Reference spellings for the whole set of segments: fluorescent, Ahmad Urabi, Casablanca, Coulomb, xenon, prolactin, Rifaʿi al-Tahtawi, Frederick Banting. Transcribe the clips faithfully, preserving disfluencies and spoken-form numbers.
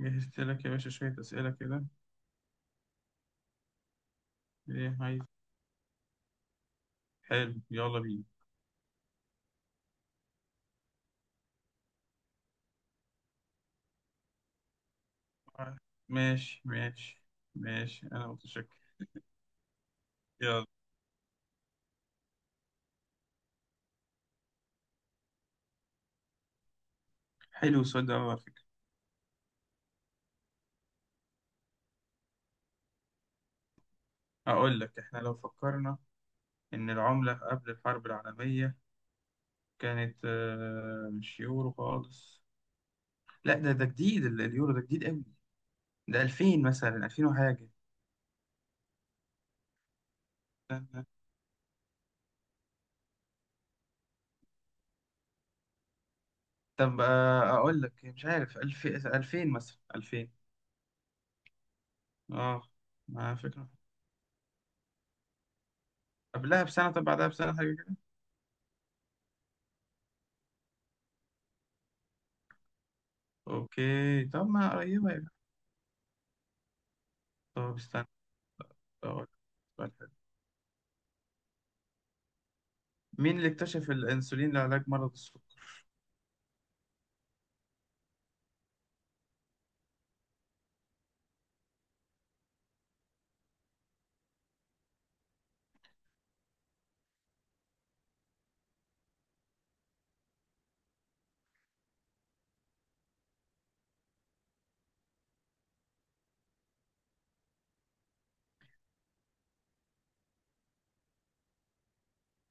جهزت لك يا باشا شوية أسئلة كده. إيه عايز؟ حلو، يلا بينا. ماشي، ماشي، ماشي، أنا متشكر. يلا. حلو السؤال ده أوي على فكرة. أقول لك، إحنا لو فكرنا إن العملة قبل الحرب العالمية كانت آه، مش يورو خالص. لا، ده ده جديد، ال- اليورو ده جديد أوي. ده ألفين مثلا، ألفين وحاجة. استنى. طب آه، أقول لك مش عارف، ألف، ألفين، مثلا ألفين. أه. ما فكرة. قبلها بسنة، طب بعدها بسنة حاجة. اوكي طب، ما قريبة يبقى. طب استنى، أقول لك سؤال حلو. مين اللي اكتشف الانسولين لعلاج مرض السكر؟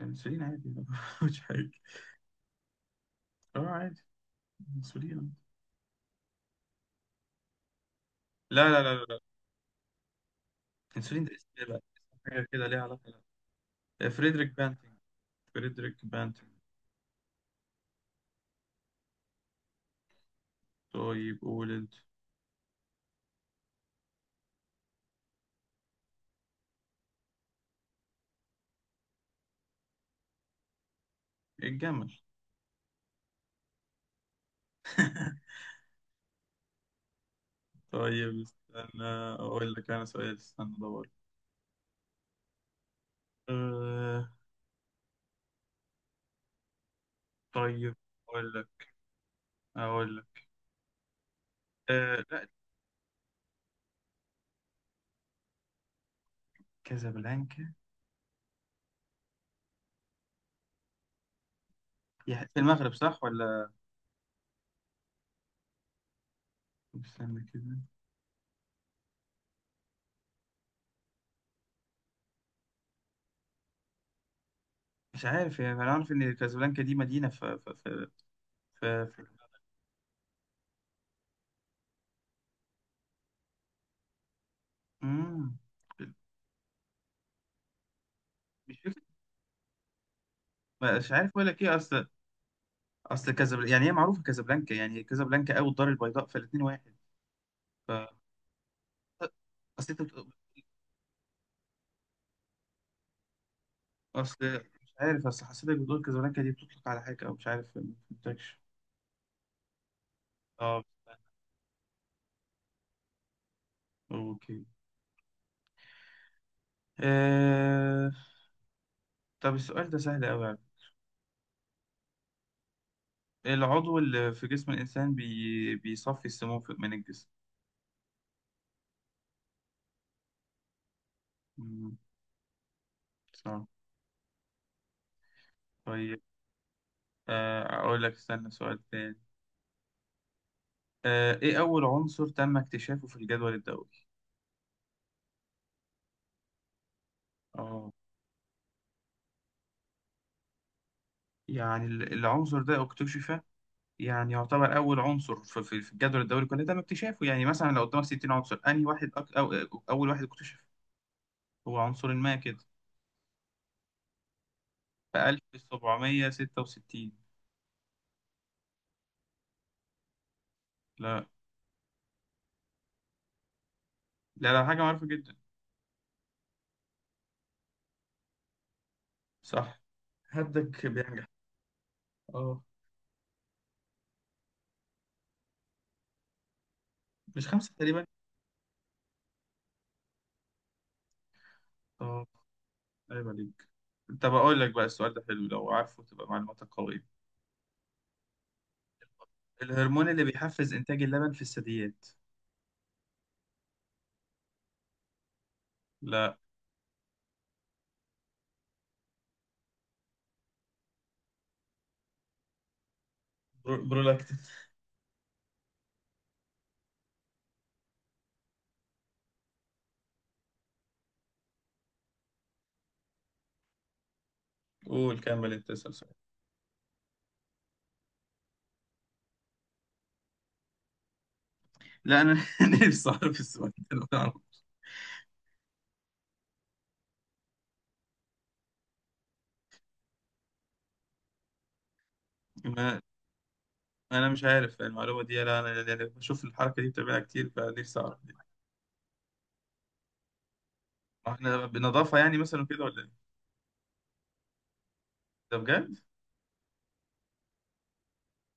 الانسولين عادي مش حاجة. اه، عادي. انسولين عادي. لا، لا، لا، لا، لا. الانسولين ده اسم إيه بقى، اسم حاجة كده ليها علاقة. لا. فريدريك بانتنج، فريدريك بانتنج. طيب قول انت. الجمل. طيب استنى، اقول لك انا سؤال، استنى ادور. أه. طيب. اقول لك اقول لك. أه. لا، كازابلانكا. يا- في المغرب صح ولا؟ استنى كده. مش عارف يعني، انا عارف ان كازابلانكا دي مدينه ف ف ف ف ف- مم. مش فاكر. مش عارف اقول لك ايه، اصل اصل كازابلانكا، يعني هي معروفه كازابلانكا، يعني هي كازابلانكا او الدار البيضاء، فالاثنين واحد. ف اصل انت بت- اصل مش عارف، اصل حسيتك بتقول كازابلانكا دي بتطلق على حاجه، او مش عارف، ما فهمتكش. اه، اوكي. آه... طب السؤال ده سهل قوي يعني. العضو اللي في جسم الانسان بي... بيصفي السموم في- من الجسم. مم، صح. طيب، آه، أقول لك استنى سؤال تاني. آه، إيه أول عنصر تم اكتشافه في الجدول الدوري؟ آه يعني ال- العنصر ده اكتشف، يعني يعتبر أول عنصر في في- في الجدول الدوري كله تم اكتشافه، يعني مثلا لو قدامك ستين عنصر، أنهي واحد أك... أو أو- أول واحد اكتشف؟ هو عنصر ما كده، في ألف وسبعمائة وستة وستين. لا، لا، لا، حاجة معروفة جدا. صح، هدك بينجح. آه مش خمسة تقريبا؟ آه، أيوة عليك. طب أقول لك بقى، السؤال ده حلو لو عارفه تبقى معلوماتك قوية. الهرمون اللي بيحفز إنتاج اللبن في الثدييات. لا. برو- برولاكتين. قول كمل أنت، اسأل سؤال. لا، أنا نفسي أعرف السؤال ده. أنا أعرف. ما- أنا مش عارف المعلومة دي، لا أنا يعني بشوف الحركة دي بتعملها كتير، فنفسي أعرف دي. إحنا بنضافة يعني مثلا كده ولا إيه؟ ده بجد؟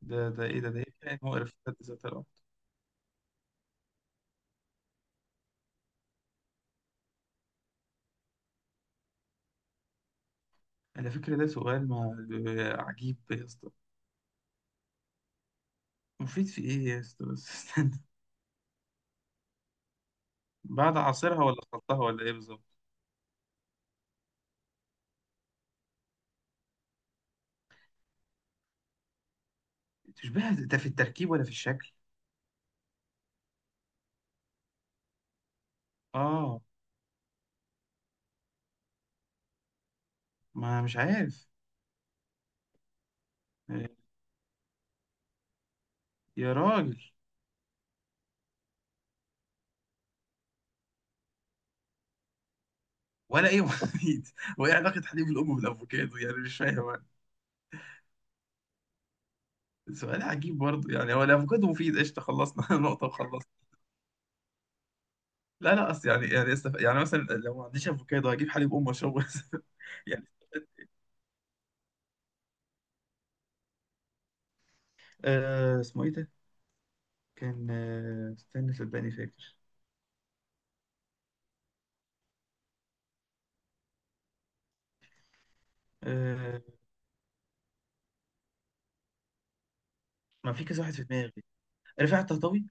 ده ده إيه، ده ده إيه، كائن مقرف في حد ذاته الأمر. على فكرة ده سؤال ما، عجيب يا اسطى. مفيد في إيه يا اسطى، بس استنى. بعد عصيرها ولا خلطها ولا إيه بالظبط؟ تشبه ده في التركيب ولا في الشكل؟ آه. ما مش عارف. آه، يا راجل. ولا ايه مفيد؟ وايه علاقة حليب الام بالافوكادو، يعني مش فاهم أنا. سؤال عجيب برضه يعني، هو الافوكادو مفيد؟ قشطة، خلصنا نقطة وخلصنا. لا، لا، اصل يعني، يعني استف... يعني مثلا لو ما عنديش افوكادو هجيب حليب ام اشربه؟ يعني آه اسمه ايه ده؟ كان آه استنى صدقني فاكر. آه، ما في كذا واحد في دماغي. رفاعي الطهطاوي.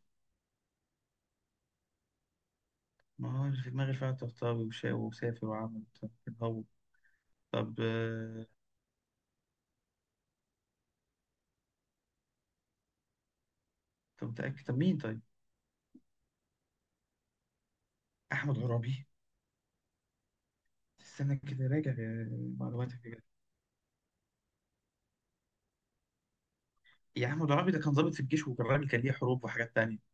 ما هو اللي في دماغي رفاعي الطهطاوي، وشا وسافر وعمل طب. طب. آه طب متأكد؟ طب مين طيب؟ احمد عرابي. استنى كده، راجع يا- معلوماتك يا جدع. يا عم ضرابي ده كان ضابط في الجيش، وكان راجل كان ليه حروب وحاجات تانية.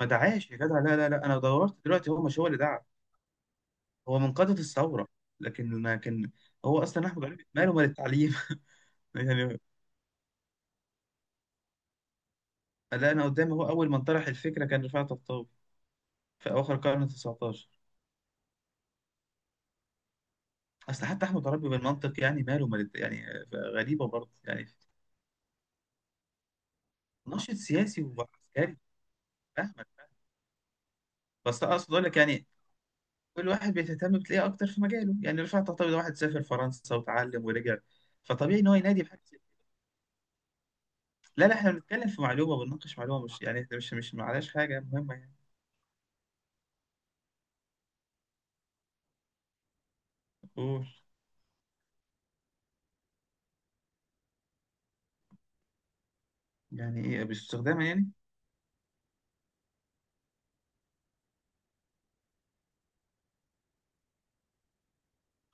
ما دعاش يا جدع. لا، لا، لا. انا دورت دلوقتي هو مش هو اللي دعا. هو من قادة الثورة لكن، لكن هو اصلا احمد عرابي ماله مال التعليم يعني. لا، انا قدامي هو اول من طرح الفكرة كان رفعت الطوبي في اواخر القرن التاسع عشر. اصل حتى احمد عرابي بالمنطق يعني، ماله مال الت- يعني، غريبة برضه يعني. ناشط سياسي وعسكري، فاهمك فاهمك. بس اقصد اقول لك يعني، كل واحد بيهتم بتلاقيه اكتر في مجاله، يعني رفعت تعتبر ده واحد سافر فرنسا وتعلم ورجع، فطبيعي ان هو ينادي بحاجه زي- لا، لا، احنا بنتكلم في معلومه، بنناقش معلومه، مش يعني احنا مش، مش معلاش حاجه مهمه يعني. قول. يعني ايه باستخدامها يعني؟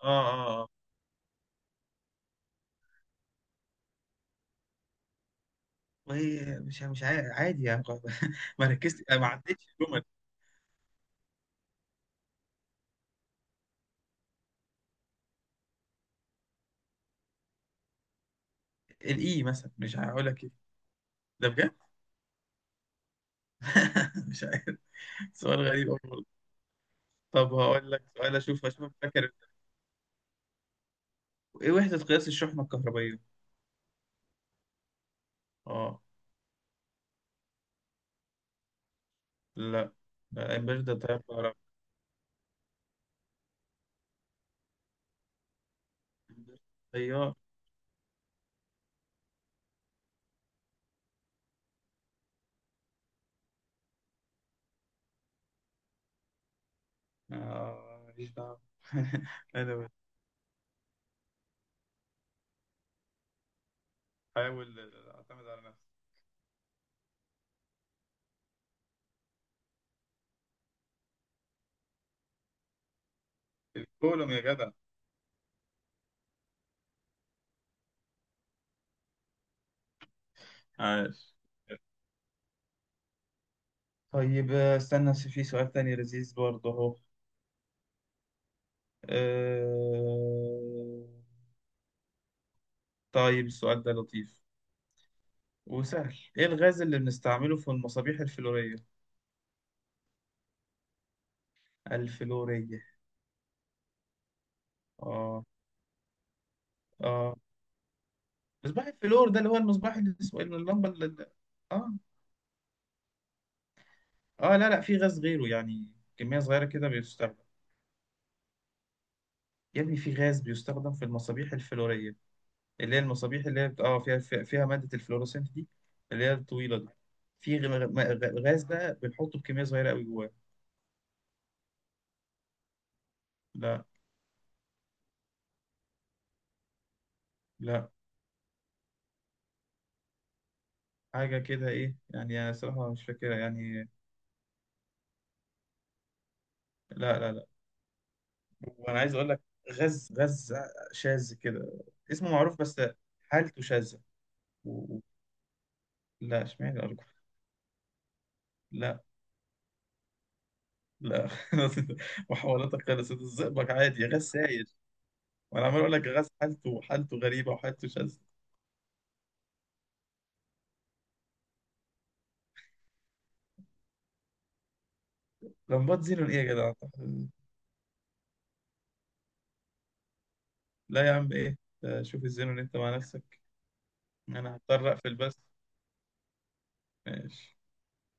اه، اه، اه. وهي مش مش عا- عادي يعني ما ركزت، ما عدتش الجمل. الاي مثلا، مش هقول لك ايه. ده بجد؟ مش عارف. سؤال غريب أوي والله. طب هقول لك سؤال، اشوف اشوف فاكر. ايه وحده قياس الشحنه الكهربائيه؟ اه، لا، ده امبير، ده تيار كهرباء. طيار. آه، ماليش دعوة أنا بس بحاول أعتمد على نفسي. الكولوم يا جدع. عاش. طيب، آه، استنى في سؤال تاني لذيذ برضه أهو. آه، طيب السؤال ده لطيف وسهل. إيه الغاز اللي بنستعمله في المصابيح الفلورية؟ الفلورية. آه، آه. مصباح الفلور ده اللي هو المصباح اللي اسمه إيه، اللمبة اللي... آه. آه. لا، لا، في غاز غيره يعني، كمية صغيرة كده بيستخدم. يا ابني في غاز بيستخدم في المصابيح الفلورية، اللي هي المصابيح اللي هي بت- اه فيها فيها فيها مادة الفلوروسنت دي، اللي هي الطويلة دي. في غ- م- غ- غاز ده بنحطه بكمية صغيرة قوي جواه. لا، لا، حاجة كده ايه يعني، انا صراحة مش فاكرها يعني. لا، لا، لا. وانا عايز اقول لك غاز غاز شاذ كده. اسمه معروف بس حالته شاذة. و... و- لا اشمعنى ارجو. لا، لا محاولاتك خلصت. الزئبق عادي غاز سايل. وانا عمال اقول لك غاز حالته حالته غريبة، وحالته شاذة. لمبات زينون ايه يا جدع؟ لا يا عم ايه، آه، شوف الزينون انت مع نفسك. انا هضطر اقفل بس. ماشي